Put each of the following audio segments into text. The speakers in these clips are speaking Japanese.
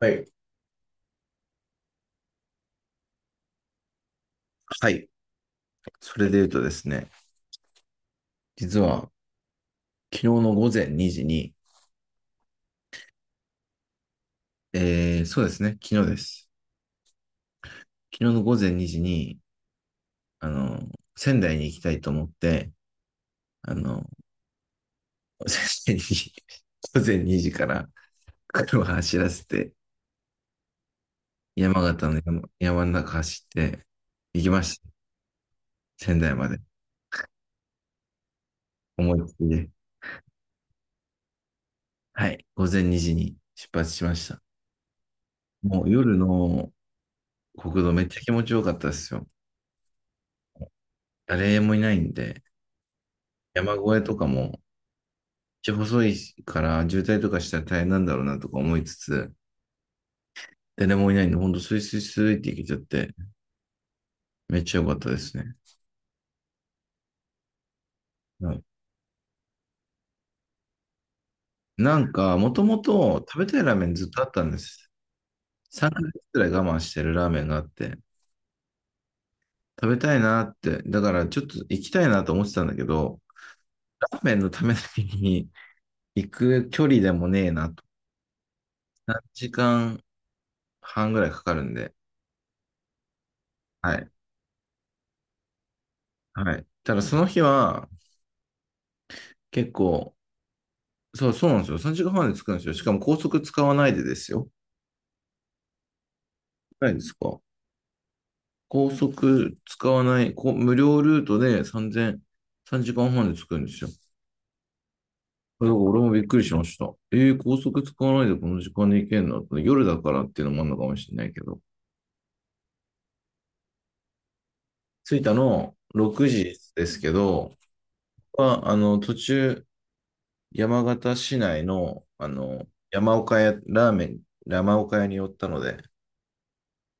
はい。はい。それで言うとですね、実は昨日の午前2時に、そうですね、昨日です。昨日の午前2時に、あの、仙台に行きたいと思って、あの、仙台に午前2時から車走らせて、山の中走って行きました。仙台まで。思いっきりで。はい。午前2時に出発しました。もう夜の国道めっちゃ気持ちよかったですよ。誰もいないんで、山越えとかもちゃ細いから渋滞とかしたら大変なんだろうなとか思いつつ、誰もいないんで、ほんとスイスイスイっていけちゃって、めっちゃ良かったですね。はい、なんか、もともと食べたいラーメンずっとあったんです。3ヶ月くらい我慢してるラーメンがあって、食べたいなって、だからちょっと行きたいなと思ってたんだけど、ラーメンのためだけに行く距離でもねえなと。3時間半ぐらいかかるんで。はい。はい。ただその日は結構そうなんですよ。3時間半で着くんですよ。しかも高速使わないでですよ。ないですか？高速使わない、無料ルートで3 0 0時間半で着くんですよ。だから俺もびっくりしました。高速使わないでこの時間で行けんのって、夜だからっていうのもあるのかもしれないけど。着いたの6時ですけど、途中、山形市内の、山岡屋、ラーメン、山岡屋に寄ったので、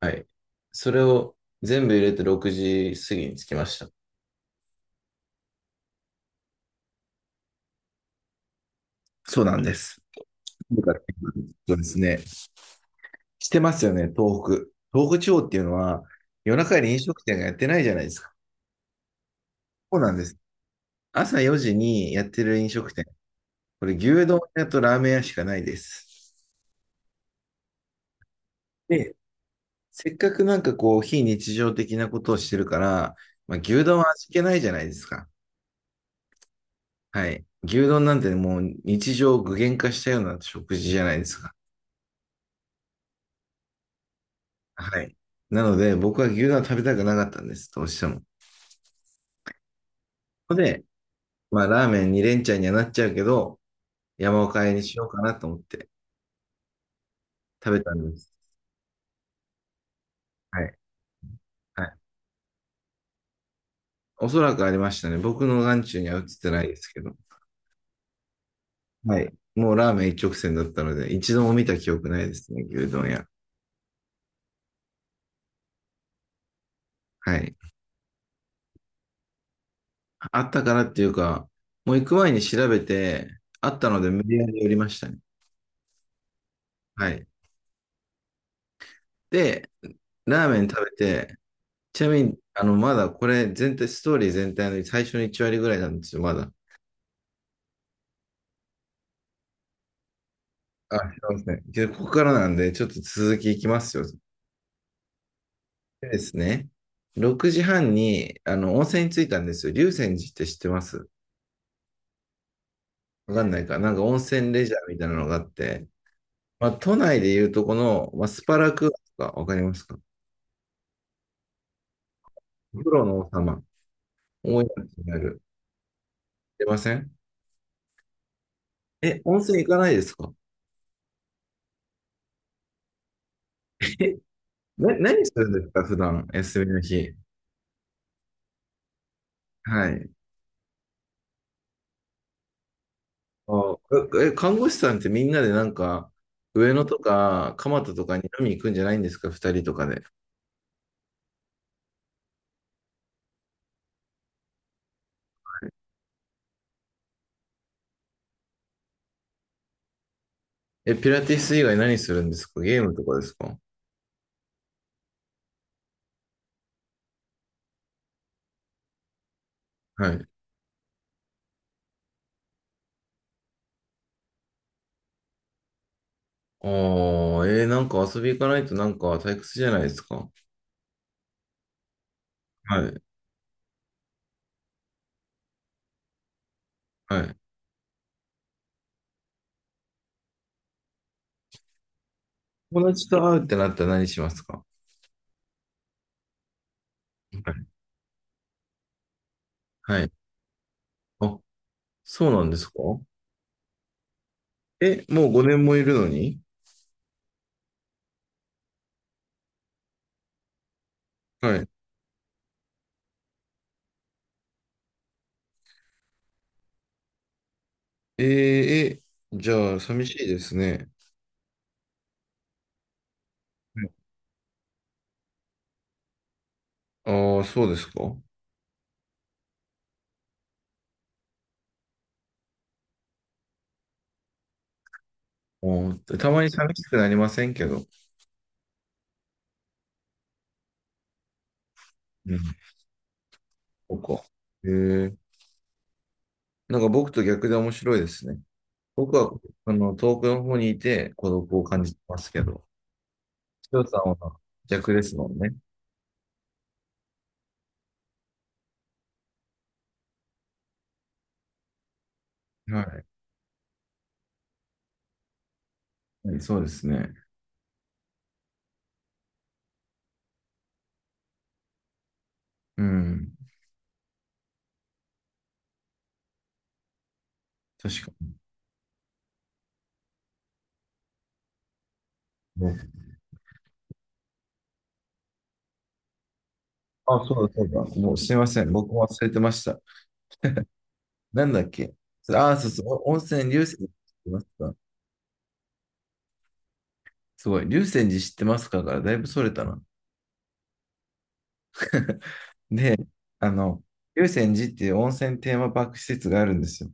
はい。それを全部入れて6時過ぎに着きました。そうなんです。だからそうですね。してますよね、東北。東北地方っていうのは、夜中に飲食店がやってないじゃないですか。そうなんです。朝4時にやってる飲食店。これ、牛丼屋とラーメン屋しかないです。で、せっかくなんかこう、非日常的なことをしてるから、まあ、牛丼は味気ないじゃないですか。はい。牛丼なんてもう日常を具現化したような食事じゃないですか。はい。なので、僕は牛丼は食べたくなかったんです、どうしても。そこで、まあ、ラーメン2連チャンにはなっちゃうけど、山岡かえにしようかなと思って食べたんです。はい。はい。おそらくありましたね。僕の眼中には映ってないですけど。はい。もうラーメン一直線だったので、一度も見た記憶ないですね、牛丼屋。はい。あったからっていうか、もう行く前に調べて、あったので無理やり寄りましたね。はい。で、ラーメン食べて、ちなみに、まだこれストーリー全体の最初の1割ぐらいなんですよ、まだ。あ、そうですね。けど、ここからなんで、ちょっと続きいきますよ。でですね。6時半に、温泉に着いたんですよ。竜泉寺って知ってますわかんないか。なんか温泉レジャーみたいなのがあって、まあ、都内でいうとこの、まあ、スパラクーアとかわかりますか？お風呂の王様。思い出になる。出ません？え、温泉行かないですか？え、何するんですか？普段、休みの日。はい。あ看護師さんってみんなでなんか、上野とか蒲田とかに飲み行くんじゃないんですか、二人とかで？え、ピラティス以外何するんですか？ゲームとかですか？はい。ああ、なんか遊び行かないとなんか退屈じゃないですか？はい。はい。友達と会うってなったら何しますか？はい。はい。あ、そうなんですか？え、もう5年もいるのに？はい。えーえ、じゃあ寂しいですね。ああー、そうですか？たまに寂しくなりませんけど。うん、そうか。へえ。なんか僕と逆で面白いですね。僕は、遠くの方にいて孤独を感じてますけど、千代さんは逆ですもんね。はい。はい、そうですね。うん。確かに。あ、そうだ、そうだ。もうすいません。僕も忘れてました。なんだっけ。あ、そうそう。お温泉、龍泉寺知ってますか？すごい。「龍泉寺知ってますか」からだいぶそれたな。で、あの、龍泉寺っていう温泉テーマパーク施設があるんですよ。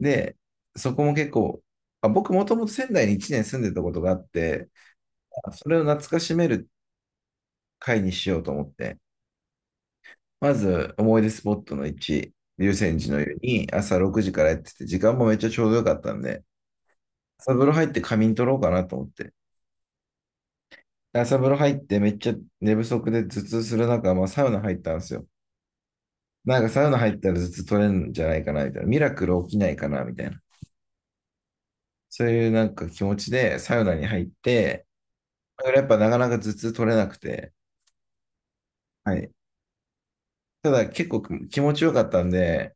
で、そこも結構、僕もともと仙台に1年住んでたことがあって、それを懐かしめる会にしようと思って、まず思い出スポットの1、竜泉寺の湯に朝6時からやってて、時間もめっちゃちょうどよかったんで、朝風呂入って仮眠取ろうかなと思って。朝風呂入ってめっちゃ寝不足で頭痛する中、まあ、サウナ入ったんですよ。なんかサウナ入ったら頭痛取れるんじゃないかなみたいな。ミラクル起きないかなみたいな。そういうなんか気持ちでサウナに入って、やっぱなかなか頭痛取れなくて、はい。ただ結構気持ちよかったんで、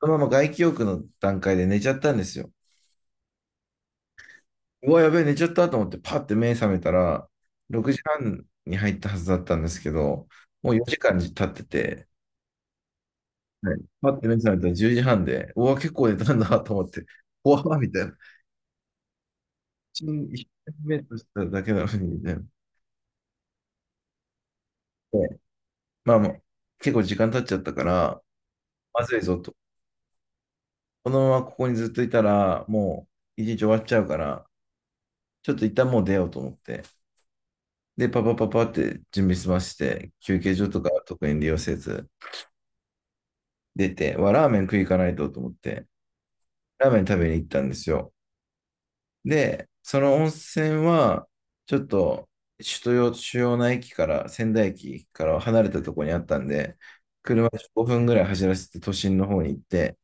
そのまま外気浴の段階で寝ちゃったんですよ。うわ、やべえ、寝ちゃったと思ってパッて目覚めたら、6時半に入ったはずだったんですけど、もう4時間経ってて、はい、パッて目覚めたら10時半で、うわ、結構寝たんだと思って、うわ、みたいな。一瞬目としただけなのに、みたいな。で、まあまあ、結構時間経っちゃったから、まずいぞと。このままここにずっといたら、もう一日終わっちゃうから、ちょっと一旦もう出ようと思って、で、パパパパって準備済まして、休憩所とか特に利用せず、出て、わ、ラーメン食い行かないとと思って、ラーメン食べに行ったんですよ。で、その温泉は、ちょっと、首都主要な駅から、仙台駅から離れたところにあったんで、車で5分ぐらい走らせて都心の方に行って、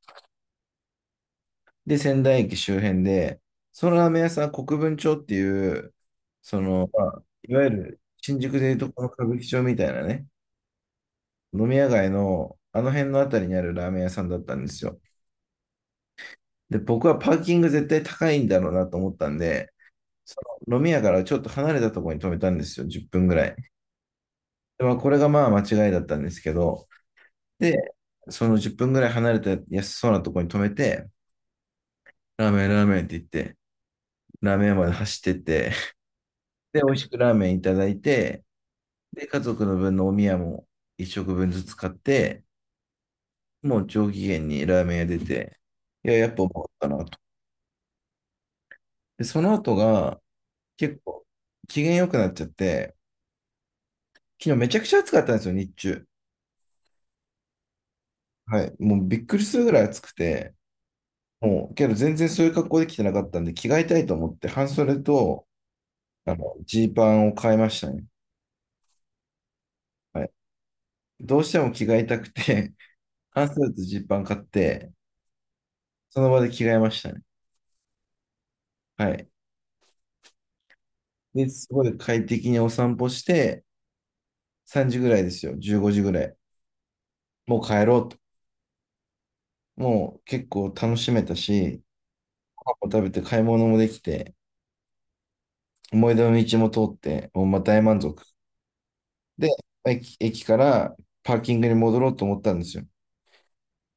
で、仙台駅周辺で、そのラーメン屋さん、国分町っていう、まあ、いわゆる新宿でいうとこの歌舞伎町みたいなね、飲み屋街のあの辺のあたりにあるラーメン屋さんだったんですよ。で、僕はパーキング絶対高いんだろうなと思ったんで、その飲み屋からちょっと離れたところに止めたんですよ、10分ぐらい。で、まあ、これがまあ間違いだったんですけど、で、その10分ぐらい離れた安そうなところに止めて、ラーメン、ラーメンって言って、ラーメン屋まで走ってって、で、美味しくラーメンいただいて、で、家族の分のお宮も1食分ずつ買って、もう上機嫌にラーメン屋出て、いや、やっぱ思ったな。で、その後が、結構、機嫌良くなっちゃって、昨日めちゃくちゃ暑かったんですよ、日中。はい。もうびっくりするぐらい暑くて、もう、けど全然そういう格好できてなかったんで、着替えたいと思って、半袖と、ジーパンを買いましたね。はい。どうしても着替えたくて、半袖とジーパン買って、その場で着替えましたね。はい。で、すごい快適にお散歩して、3時ぐらいですよ、15時ぐらい。もう帰ろうと。もう結構楽しめたし、ご飯も食べて買い物もできて、思い出の道も通って、もうまあ大満足。で、駅からパーキングに戻ろうと思ったんですよ。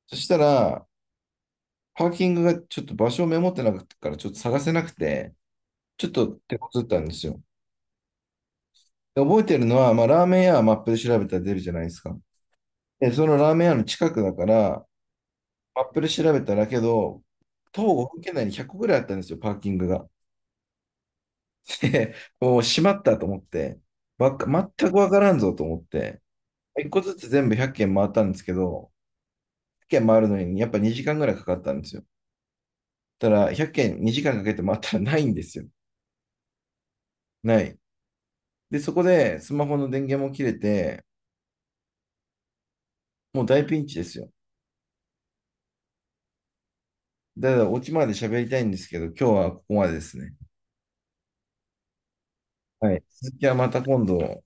そしたら、パーキングがちょっと場所をメモってなかったから、ちょっと探せなくて、ちょっと手こずったんですよ。で、覚えてるのは、まあ、ラーメン屋はマップで調べたら出るじゃないですか。で、そのラーメン屋の近くだから、マップで調べたらけど、徒歩5分圏内に100個ぐらいあったんですよ、パーキングが。で、もう閉まったと思って、わか、全くわからんぞと思って、1個ずつ全部100軒回ったんですけど、軒回るのにやっぱ2時間ぐらいかかったんですよ。ただ、100軒2時間かけて回ったらないんですよ。ない。で、そこでスマホの電源も切れて、もう大ピンチですよ。だから、オチまで喋りたいんですけど、今日はここまでですね。はい。続きはまた今度、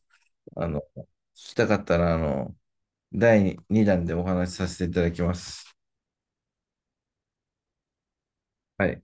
聞きたかったら、第2弾でお話しさせていただきます。はい。